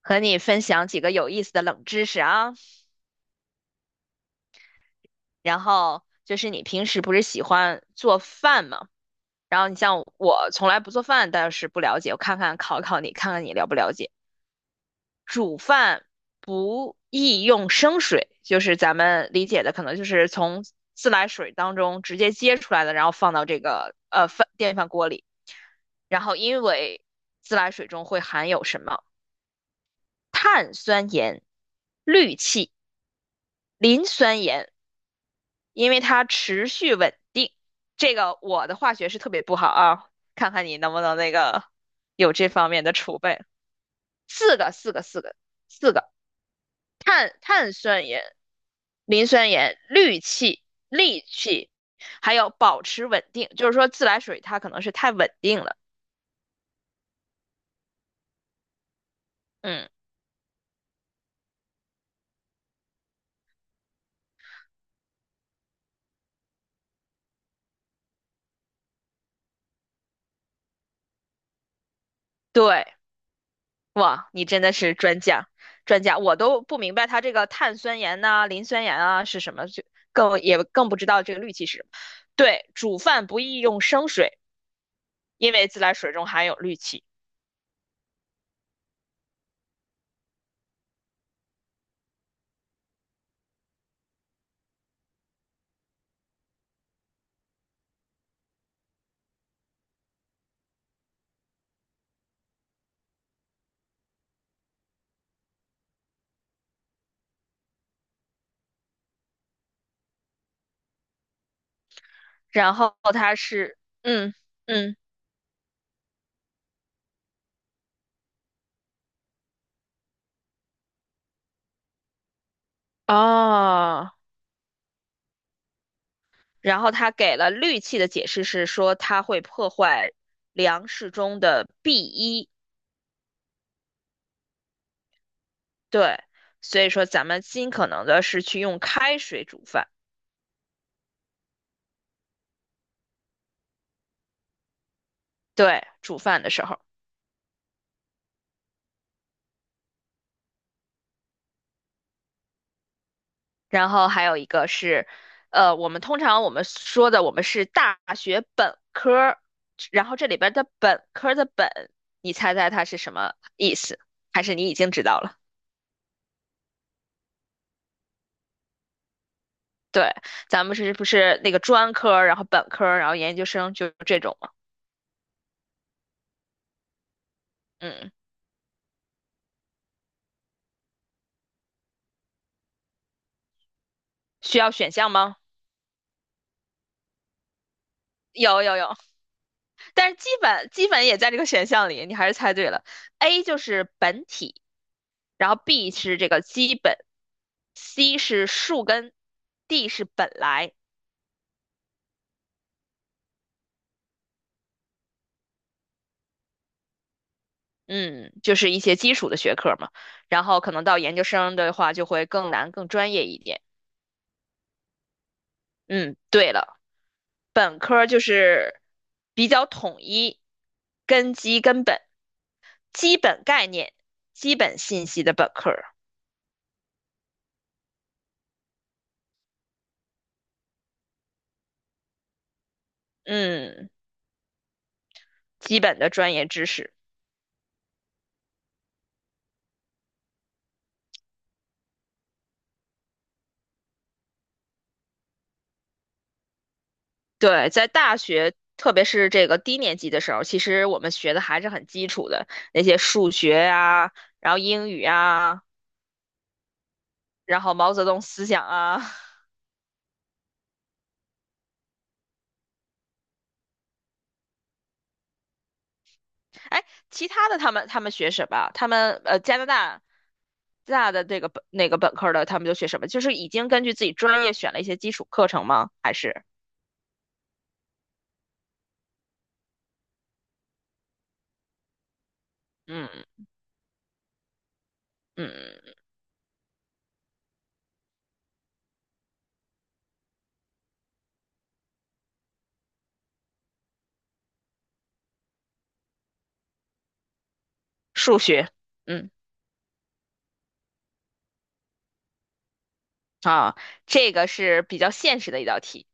和你分享几个有意思的冷知识啊。然后就是你平时不是喜欢做饭吗？然后你像我从来不做饭，但是不了解，我看看考考你，看看你了不了解。煮饭不宜用生水，就是咱们理解的可能就是从自来水当中直接接出来的，然后放到这个电饭锅里。然后因为自来水中会含有什么碳酸盐、氯气、磷酸盐。因为它持续稳定。这个我的化学是特别不好啊，看看你能不能那个有这方面的储备。四个，四个，四个，四个，碳酸盐、磷酸盐、氯气，还有保持稳定，就是说自来水它可能是太稳定了。嗯，对。哇，你真的是专家，专家，我都不明白它这个碳酸盐呐、磷酸盐啊是什么，就更也更不知道这个氯气是什么。对，煮饭不宜用生水，因为自来水中含有氯气。然后它是，嗯嗯哦，然后它给了氯气的解释是说它会破坏粮食中的 b 一对，所以说咱们尽可能的是去用开水煮饭，对，煮饭的时候。然后还有一个是，我们通常我们说的我们是大学本科儿，然后这里边儿的本科儿的本，你猜猜它是什么意思？还是你已经知道了？对，咱们是不是那个专科儿然后本科儿然后研究生，就这种嘛？嗯，需要选项吗？有。但是基本也在这个选项里，你还是猜对了。A 就是本体，然后 B 是这个基本，C 是树根，D 是本来。嗯，就是一些基础的学科嘛。然后可能到研究生的话就会更难、更专业一点。嗯，对了，本科就是比较统一，根基、根本、基本概念、基本信息的本科儿。嗯，基本的专业知识。对，在大学，特别是这个低年级的时候，其实我们学的还是很基础的那些数学呀、然后英语啊，然后毛泽东思想啊。哎，其他的他们学什么？他们加拿大的这个本那个本科的，他们就学什么？就是已经根据自己专业选了一些基础课程吗？还是嗯嗯，数学，嗯。啊，这个是比较现实的一道题。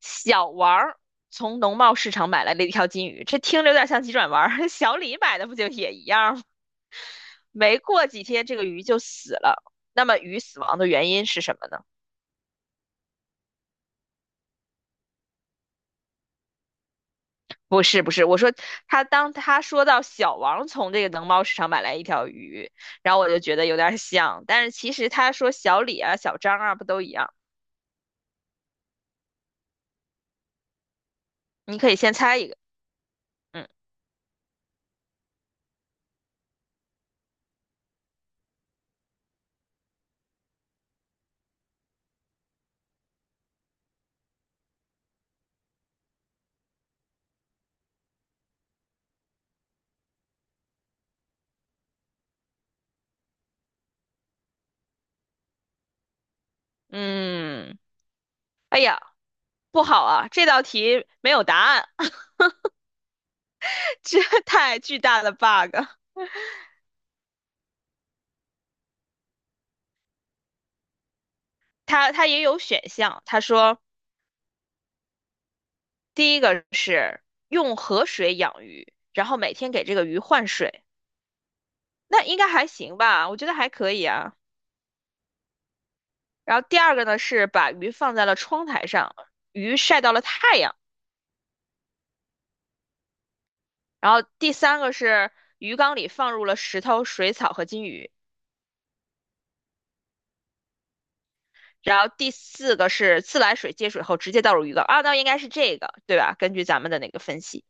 小王儿从农贸市场买来了一条金鱼，这听着有点像急转弯儿。小李买的不就也一样吗？没过几天，这个鱼就死了。那么鱼死亡的原因是什么呢？不是，不是，我说他当他说到小王从这个农贸市场买来一条鱼，然后我就觉得有点像，但是其实他说小李啊、小张啊不都一样？你可以先猜一个，嗯嗯，哎呀，不好啊，这道题没有答案。这 太巨大的 bug。它也有选项，他说第一个是用河水养鱼，然后每天给这个鱼换水，那应该还行吧？我觉得还可以啊。然后第二个呢是把鱼放在了窗台上，鱼晒到了太阳。然后第三个是鱼缸里放入了石头、水草和金鱼。然后第四个是自来水接水后直接倒入鱼缸啊，那应该是这个，对吧？根据咱们的那个分析。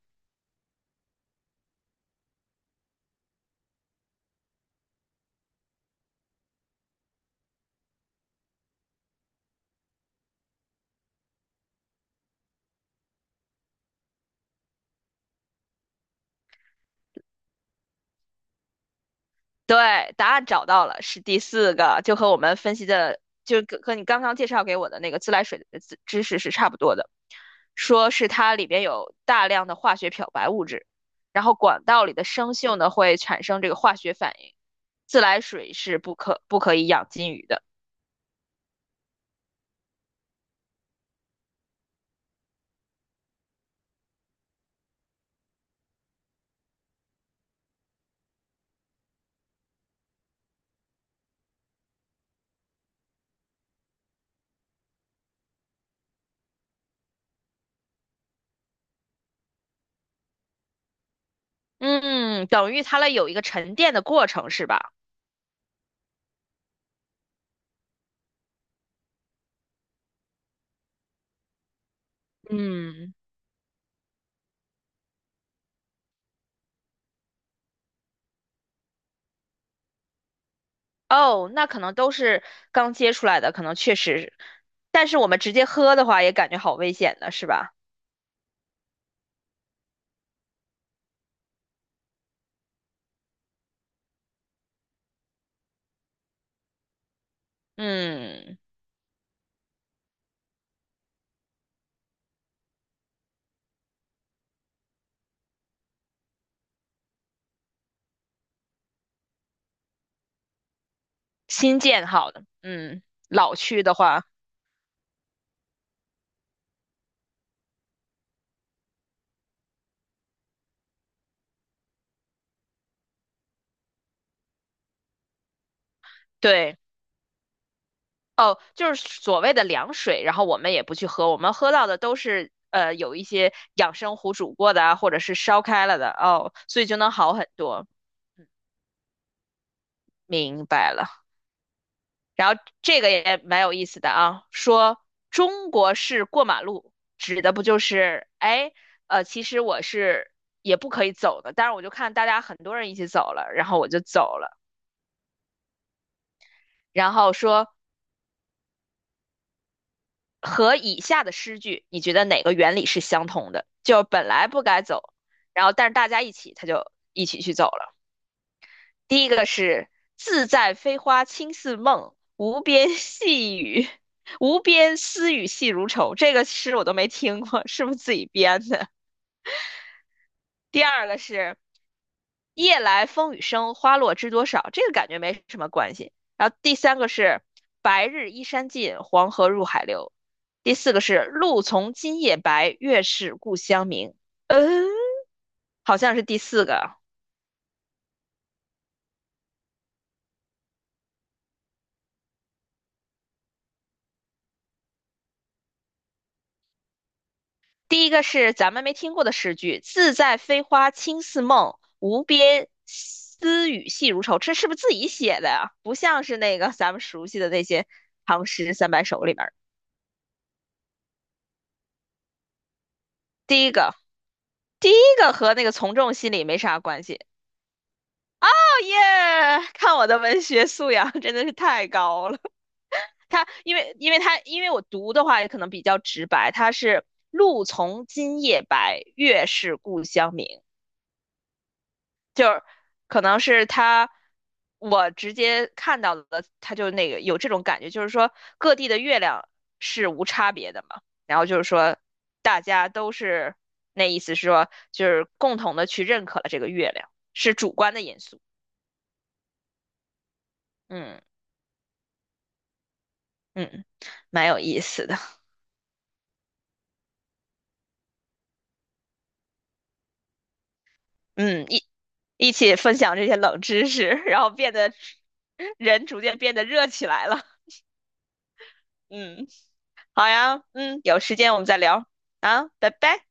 对，答案找到了，是第四个，就和我们分析的，就和你刚刚介绍给我的那个自来水的知识是差不多的。说是它里边有大量的化学漂白物质，然后管道里的生锈呢会产生这个化学反应。自来水是不可以养金鱼的。嗯，等于它了有一个沉淀的过程是吧？嗯，哦，那可能都是刚接出来的，可能确实，但是我们直接喝的话也感觉好危险的是吧？嗯。新建好的，嗯，老区的话，对，哦，就是所谓的凉水，然后我们也不去喝，我们喝到的都是有一些养生壶煮过的啊，或者是烧开了的，哦，所以就能好很多。嗯，明白了，然后这个也蛮有意思的啊，说中国式过马路指的不就是哎其实我是也不可以走的，但是我就看大家很多人一起走了，然后我就走了。然后说和以下的诗句，你觉得哪个原理是相同的？就本来不该走，然后但是大家一起，他就一起去走了。第一个是“自在飞花轻似梦，无边细雨，无边丝雨细如愁”，这个诗我都没听过，是不是自己编的？第二个是夜来风雨声，花落知多少，这个感觉没什么关系。然后第三个是白日依山尽，黄河入海流。第四个是露从今夜白，月是故乡明。嗯，好像是第四个。第一个是咱们没听过的诗句：“自在飞花轻似梦，无边丝雨细如愁。”这是不是自己写的呀？不像是那个咱们熟悉的那些唐诗三百首里面第一个，第一个和那个从众心理没啥关系。耶！看我的文学素养真的是太高了。他因为我读的话也可能比较直白，他是“路从今夜白，月是故乡明”，可能是他我直接看到的，他就那个有这种感觉，就是说各地的月亮是无差别的嘛，然后就是说大家都是那意思是说就是共同的去认可了这个月亮，是主观的因素，嗯嗯，蛮有意思的。嗯，一起分享这些冷知识，然后变得人逐渐变得热起来了。嗯，好呀，嗯，有时间我们再聊啊，拜拜。